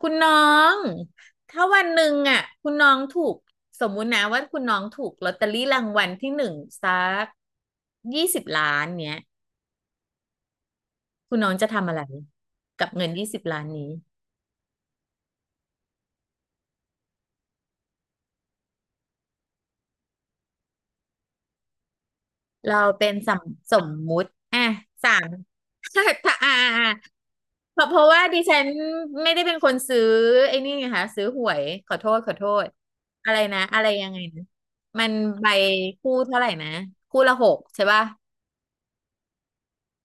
คุณน้องถ้าวันหนึ่งอ่ะคุณน้องถูกสมมุตินะว่าคุณน้องถูกลอตเตอรี่รางวัลที่หนึ่งสักยี่สิบล้านเนี้ยคุณน้องจะทำอะไรกับเงินยี่สิบล้านนี้เราเป็นสมมุติอ่ะสาม ถ้าอ่าเพราะว่าดิฉันไม่ได้เป็นคนซื้อไอ้นี่ไงคะซื้อหวยขอโทษขอโทษอะไรนะอะไรยังไงนะมันใบคู่เท่าไหร่นะคู่ละหกใช่ป่ะ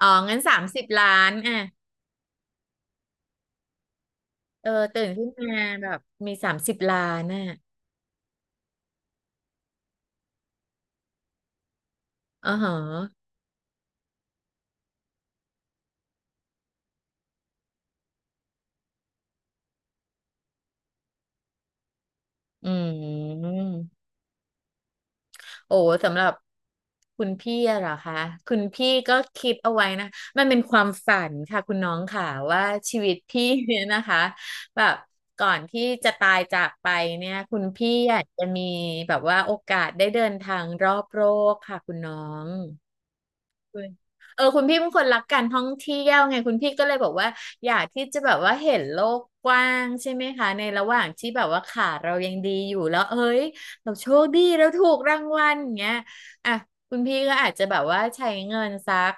อ๋องั้น30 ล้านอ่ะเออตื่นขึ้นมาแบบมีสามสิบล้านอ่ะอ๋อเหรออืมโอ้สำหรับคุณพี่อะเหรอคะ คุณพี่ก็คิดเอาไว้นะ มันเป็นความฝันค่ะคุณน้องค่ะว่าชีวิตพี่เนี่ยนะคะแบบก่อนที่จะตายจากไปเนี่ยคุณพี่อยากจะมีแบบว่าโอกาสได้เดินทางรอบโลกค่ะคุณน้อง คุณเออคุณพี่เป็นคนรักการท่องเที่ยวไงคุณพี่ก็เลยบอกว่าอยากที่จะแบบว่าเห็นโลกกว้างใช่ไหมคะในระหว่างที่แบบว่าขาเรายังดีอยู่แล้วเอ้ยเราโชคดีเราถูกรางวัลอย่างเงี้ยอ่ะคุณพี่ก็อาจจะแบบว่าใช้เงินสัก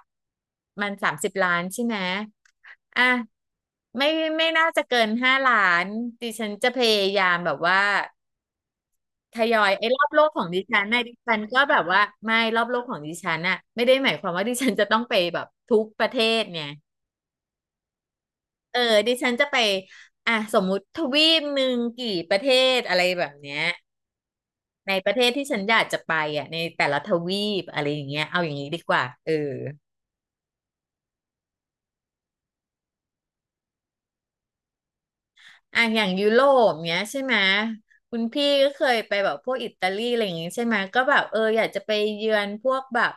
มันสามสิบล้านใช่ไหมอ่ะไม่น่าจะเกิน5 ล้านดิฉันจะพยายามแบบว่า ทยอยไอ้รอบโลกของดิฉันนะดิฉันก็แบบว่าไม่รอบโลกของดิฉันน่ะไม่ได้หมายความว่าดิฉันจะต้องไปแบบทุกประเทศเนี่ยเออดิฉันจะไปอ่ะสมมุติทวีปหนึ่งกี่ประเทศอะไรแบบเนี้ยในประเทศที่ฉันอยากจะไปอ่ะในแต่ละทวีปอะไรอย่างเงี้ยเอาอย่างนี้ดีกว่าเออ อ่ะอย่างยุโรปเนี้ยใช่ไหมคุณพี่ก็เคยไปแบบพวกอิตาลีอะไรอย่างงี้ใช่ไหมก็แบบเอออยากจะไปเยือนพวกแบบ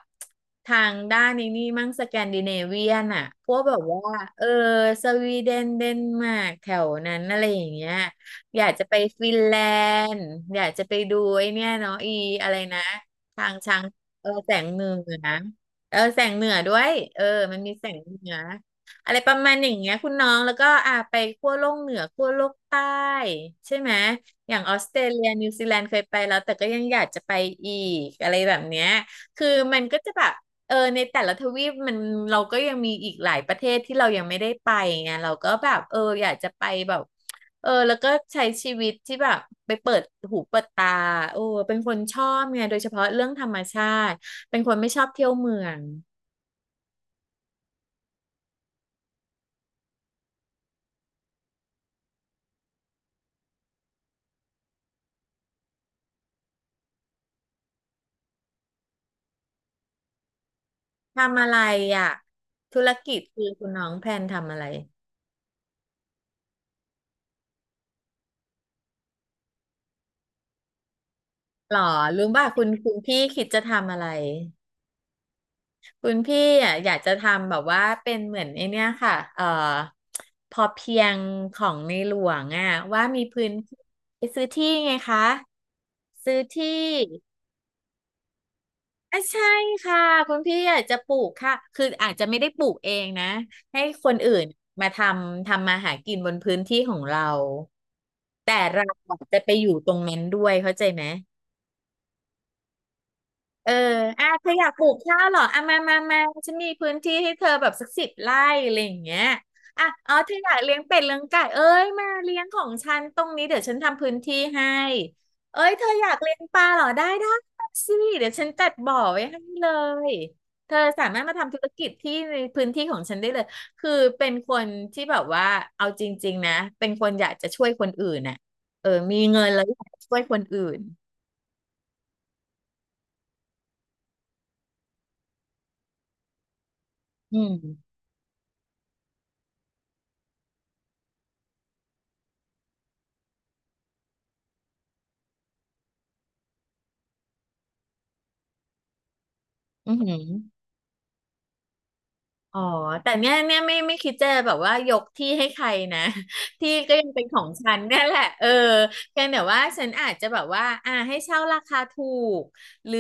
ทางด้านนี้นี่มั่งสแกนดิเนเวียนอ่ะพวกแบบว่าเออสวีเดนเดนมาร์กแถวนั้นอะไรอย่างเงี้ยอยากจะไปฟินแลนด์อยากจะไปดูไอ้เนี่ยเนาะอีอะไรนะทางช้างเออแสงเหนือนะเออแสงเหนือด้วยเออมันมีแสงเหนือ อะไรประมาณอย่างเงี้ยคุณน้องแล้วก็อ่าไปขั้วโลกเหนือขั้วโลกใต้ใช่ไหมอย่างออสเตรเลียนิวซีแลนด์เคยไปแล้วแต่ก็ยังอยากจะไปอีกอะไรแบบเนี้ยคือมันก็จะแบบเออในแต่ละทวีปมันเราก็ยังมีอีกหลายประเทศที่เรายังไม่ได้ไปไงเราก็แบบเอออยากจะไปแบบเออแล้วก็ใช้ชีวิตที่แบบไปเปิดหูเปิดตาโอ้เป็นคนชอบไงโดยเฉพาะเรื่องธรรมชาติเป็นคนไม่ชอบเที่ยวเมือง ทำอะไรอ่ะธุรกิจคือคุณน้องแพลนทำอะไรหรอรู้ป่ะคุณคุณพี่คิดจะทำอะไรคุณพี่อ่ะอยากจะทำแบบว่าเป็นเหมือนไอเนี้ยค่ะพอเพียงของในหลวงอ่ะว่ามีพื้นที่ไปซื้อที่ไงคะซื้อที่อ่ะใช่ค่ะคุณพี่อยากจะปลูกค่ะคืออาจจะไม่ได้ปลูกเองนะให้คนอื่นมาทำมาหากินบนพื้นที่ของเราจะไปอยู่ตรงนั้นด้วยเข้าใจไหม เอออ่ะเธออยากปลูกข้าวเหรออ่ะมามามาฉันมีพื้นที่ให้เธอแบบสัก10 ไร่อะไรอย่างเงี้ยอ่ะอ๋อเธออยากเลี้ยงเป็ดเลี้ยงไก่เอ้ยมาเลี้ยงของฉันตรงนี้เดี๋ยวฉันทำพื้นที่ให้เอ้ยเธออยากเลี้ยงปลาเหรอได้ได้มาสิเดี๋ยวฉันจัดบ่อไว้ให้เลยเธอสามารถมาทำธุรกิจที่ในพื้นที่ของฉันได้เลยคือเป็นคนที่แบบว่าเอาจริงๆนะเป็นคนอยากจะช่วยคนอื่นน่ะเออมีเงินแล้วอยากช่วยคนอื่นอืมอือหือ อ๋อ แต่เนี้ยเนี่ยไม่คิดจะแบบว่ายกที่ให้ใครนะ ที่ก็ยังเป็นของฉันเนี่ยแหละเออเพียงแต่ว่าฉันอาจจะแบบว่าอ่าให้เช่าราคาถูกหรือ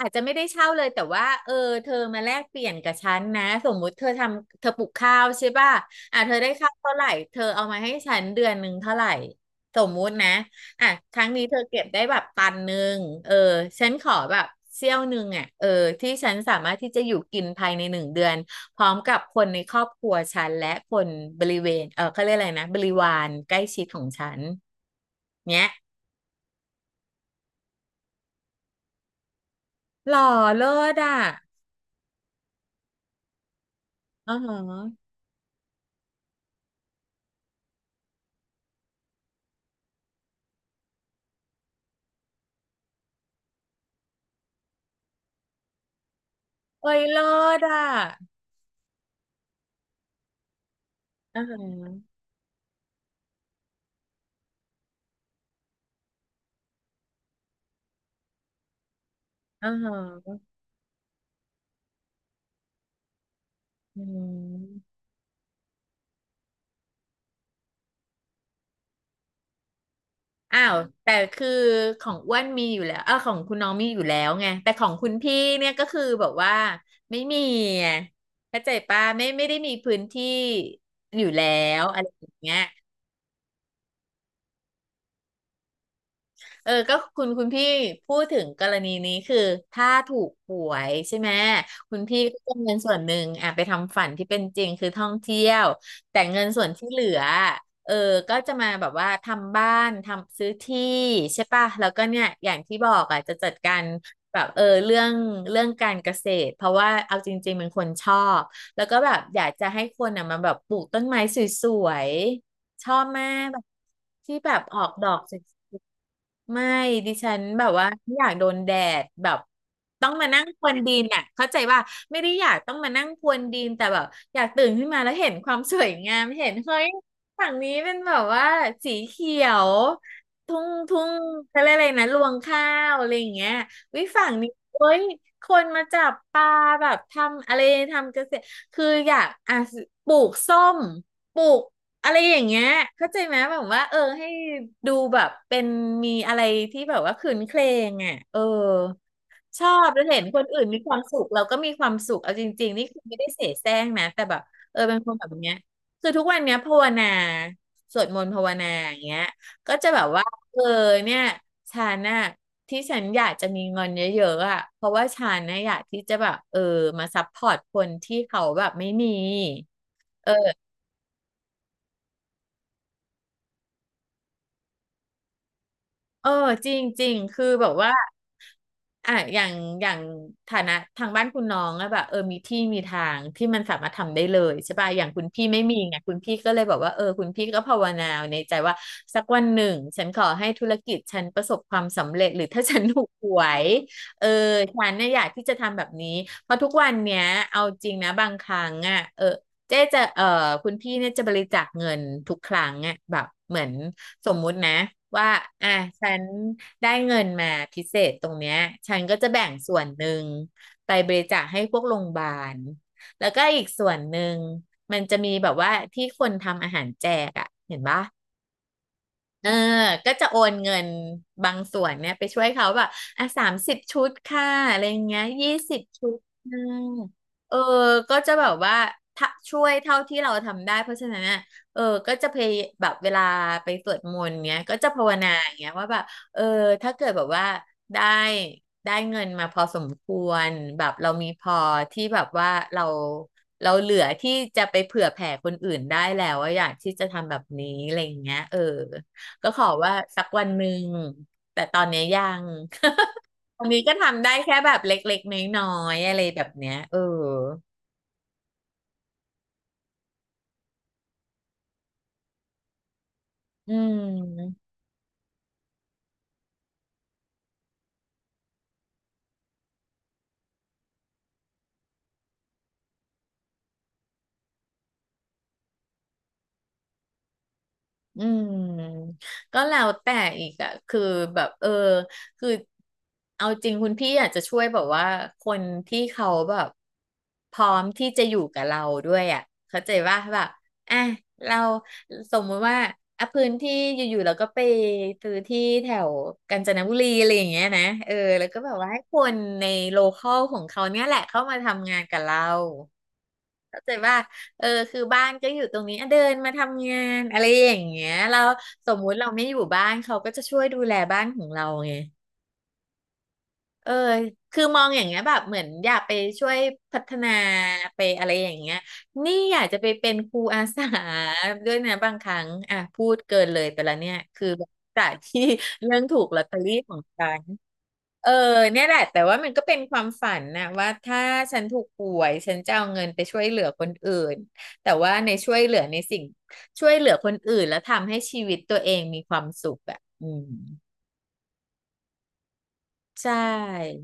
อาจจะไม่ได้เช่าเลยแต่ว่าเออเธอมาแลกเปลี่ยนกับฉันนะสมมุติเธอปลูกข้าวใช่ป่ะอ่าเธอได้ข้าวเท่าไหร่เธอเอามาให้ฉันเดือนหนึ่งเท่าไหร่สมมุตินะ อ่ะครั้งนี้เธอเก็บได้แบบตันหนึ่งเออ ฉันขอแบบเสี้ยวหนึ่งอ่ะเออที่ฉันสามารถที่จะอยู่กินภายในหนึ่งเดือน พร้อมกับคนในครอบครัวฉันและคนบริเวณเออเขาเรียกอะไรนะ บริวารใกล้ชิดของฉัน เนี้ยหล่อเลิศอ่ะอ๋อฮะเอ้ยเลิศอ่ะอ๋อฮะออ๋อฮะออืม อ้าวแต่คือของอ้วนมีอยู่แล้วของคุณน้องมีอยู่แล้วไง แต่ของคุณพี่เนี่ยก็คือแบบว่าไม่มีไงเข้าใจป่ะไม่ได้มีพื้นที่อยู่แล้วอะไรอย่างเงี้ย ก็คุณพี่พูดถึงกรณีนี้คือถ้าถูกหวยใช่ไหมคุณพี่ก็จะเอาเงินส่วนหนึ่งอ่ะไปทำฝันที่เป็นจริงคือท่องเที่ยวแต่เงินส่วนที่เหลือเออก็จะมาแบบว่าทำบ้านทำซื้อที่ใช่ป่ะแล้วก็เนี่ยอย่างที่บอกอ่ะจะจัดการแบบเรื่องการเกษตรเพราะว่าเอาจริงๆเป็นคนชอบแล้วก็แบบอยากจะให้คนอ่ะมาแบบปลูกต้นไม้สวย ชอบแม่แบบที่แบบออกดอกสวยๆไม่ดิฉันแบบว่าไม่อยากโดนแดดแบบต้องมานั่งพรวนดินอ่ะเข้าใจว่าไม่ได้อยากต้องมานั่งพรวนดินแต่แบบอยากตื่นขึ้นมาแล้วเห็นความสวยงามเห็นเฮ้ยฝั่งนี้เป็นแบบว่าสีเขียวทุ่งเขาเรียกอะไรนะรวงข้าวอะไรอย่างเงี้ยวิฝั่งนี้โอ้ยคนมาจับปลาแบบทำอะไรทำเกษตรคืออยากอ่ะปลูกส้มปลูก อะไรอย่างเงี้ยเข้าใจไหมแบบว่าให้ดูแบบเป็นมีอะไรที่แบบว่าคืนเครงอ่ะชอบแล้วเห็นคนอื่นมีความสุขเราก็มีความสุขเอาจริงๆนี่คือไม่ได้เสแสร้งนะแต่แบบเป็นคนแบบเนี้ยคือทุกวันเนี้ยภาวนาสวดมนต์ภาวนาอย่างเงี้ยก็จะแบบว่าเออเนี่ยฉันน่ะที่ฉันอยากจะมีเงินเยอะๆอ่ะเพราะว่าฉันน่ะอยากที่จะแบบมาซัพพอร์ตคนที่เขาแบบไม่มี เออจริงจริงคือแบบว่าอ่ะอย่างฐานะทางบ้านคุณน้องอะแบบมีที่มีทางที่มันสามารถทำได้เลยใช่ป่ะอย่างคุณพี่ไม่มีไงคุณพี่ก็เลยบอกว่าคุณพี่ก็ภาวนาในใจว่าสักวันหนึ่งฉันขอให้ธุรกิจฉันประสบความสำเร็จหรือถ้าฉันถูกหวยเออฉันเนี่ยอยากที่จะทำแบบนี้เพราะทุกวันเนี้ยเอาจริงนะบางครั้งอะเจ๊จะคุณพี่เนี่ยจะบริจาคเงินทุกครั้งอ่ะแบบเหมือนสมมุตินะว่าอ่ะฉันได้เงินมาพิเศษตรงเนี้ยฉันก็จะแบ่งส่วนหนึ่งไปบริจาคให้พวกโรงพยาบาล แล้วก็อีกส่วนหนึ่งมันจะมีแบบว่าที่คนทำอาหารแจกอ่ะเห็นปะ เออก็จะโอนเงินบางส่วนเนี่ยไปช่วยเขาแบบอ่ะ30 ชุดค่ะอะไรอย่างเงี้ย20 ชุดค่ะเออก็จะแบบว่าถ้าช่วยเท่าที่เราทำได้เพราะฉะนั้นน่ะเออก็จะแบบเวลาไปสวดมนต์เนี้ยก็จะภาวนาอย่างเงี้ยว่าแบบเออถ้าเกิดแบบว่าได้ได้เงินมาพอสมควรแบบเรามีพอที่แบบว่าเราเหลือที่จะไปเผื่อแผ่คนอื่นได้แล้วว่าอะอยากที่จะทำแบบนี้อะไรอย่างเงี้ยก็ขอว่าสักวันหนึ่งแต่ตอนเนี้ยยัง ตอนนี้ก็ทำได้แค่แบบเล็กๆน้อยๆอะไรแบบเนี้ยอืม อืมก็แล้วแต่อีกอะคือแบบคือเอาจริงคุณพี่อาจจะช่วยแบบว่าคนที่เขาแบบพร้อมที่จะอยู่กับเราด้วยอะเข้าใจว่าแบบอ่ะเราสมมติว่าอ่ะพื้นที่อยู่ๆเราก็ไปซื้อที่แถวกาญจนบุรีอะไรอย่างเงี้ยนะแล้วก็แบบว่าให้คนในโลคอลของเขาเนี่ยแหละเข้ามาทำงานกับเราเข้าใจว่า คือบ้านก็อยู่ตรงนี้อ่ะเดินมาทำงานอะไรอย่างเงี้ยเราสมมุติเราไม่อยู่บ้านเขาก็จะช่วยดูแลบ้านของเราไง เออคือมองอย่างเงี้ยแบบเหมือนอยากไปช่วยพัฒนาไปอะไรอย่างเงี้ยนี่อยากจะไปเป็นครูอาสาด้วยนะบางครั้งอ่ะพูดเกินเลยไปแล้วเนี่ยคือจากที่เรื่องถูกลอตเตอรี่ของฉันเออเนี่ยแหละแต่ว่ามันก็เป็นความฝันนะว่าถ้าฉันถูกหวยฉันจะเอาเงินไปช่วยเหลือคนอื่น แต่ว่าในช่วยเหลือในสิ่งช่วยเหลือคนอื่นแล้วทำให้ชีวิตตัวเองมีความสุขอ่ะอืมใช่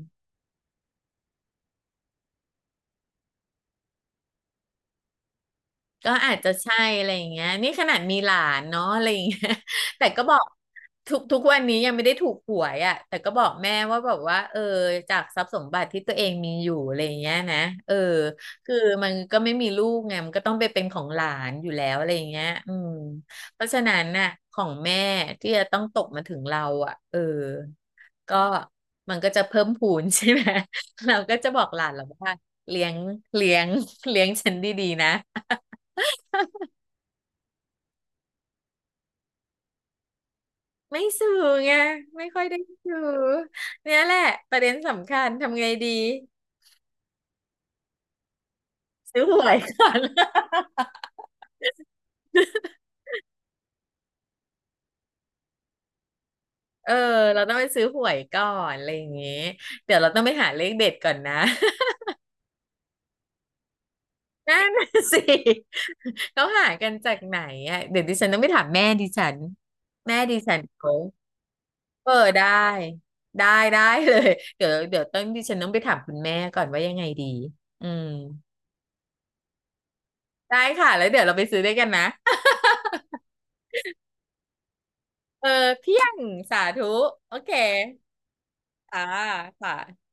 ก็อาจจะใช่อะไรอย่างเงี้ยนี่ขนาดมีหลานเนาะอะไรอย่างเงี้ย แต่ก็บอกทุกวันนี้ยังไม่ได้ถูกหวยอ่ะแต่ก็บอกแม่ว่าแบบว่าจากทรัพย์สมบัติที่ตัวเองมีอยู่อะไรอย่างเงี้ยนะเออคือมันก็ไม่มีลูกไงมันก็ต้องไปเป็นของหลานอยู่แล้วอะไรอย่างเงี้ยอืมเพราะฉะนั้นน่ะของแม่ที่จะต้องตกมาถึงเราอ่ะก็มันก็จะเพิ่มพูน ใช่ไหม เราก็จะบอกหลานเราว่าเลี้ยงเลี้ยงเลี้ยงฉันดีๆนะ ไม่สื่อไงไม่ค่อยได้สื่อเนี่ยแหละประเด็นสำคัญทำไงดีซื้อหวยก่อน เออเราต้องไปซื้อหวยก่อนอะไรอย่างงี้เดี๋ยวเราต้องไปหาเลขเด็ดก่อนนะ นั่นน่ะสิ เขาหากันจากไหนอ่ะเดี๋ยวดิฉันต้องไปถามแม่ดิฉันแม่ดิฉันเขาเออได้ได้ได้เลย เดี๋ยวต้องดิฉันต้องไปถามคุณแม่ก่อนว่ายังไงดีอืมได้ค่ะแล้วเดี๋ยวเราไปซื้อด้วยกันนะ เออเพียงสาธุโอเคอ่าค่ะ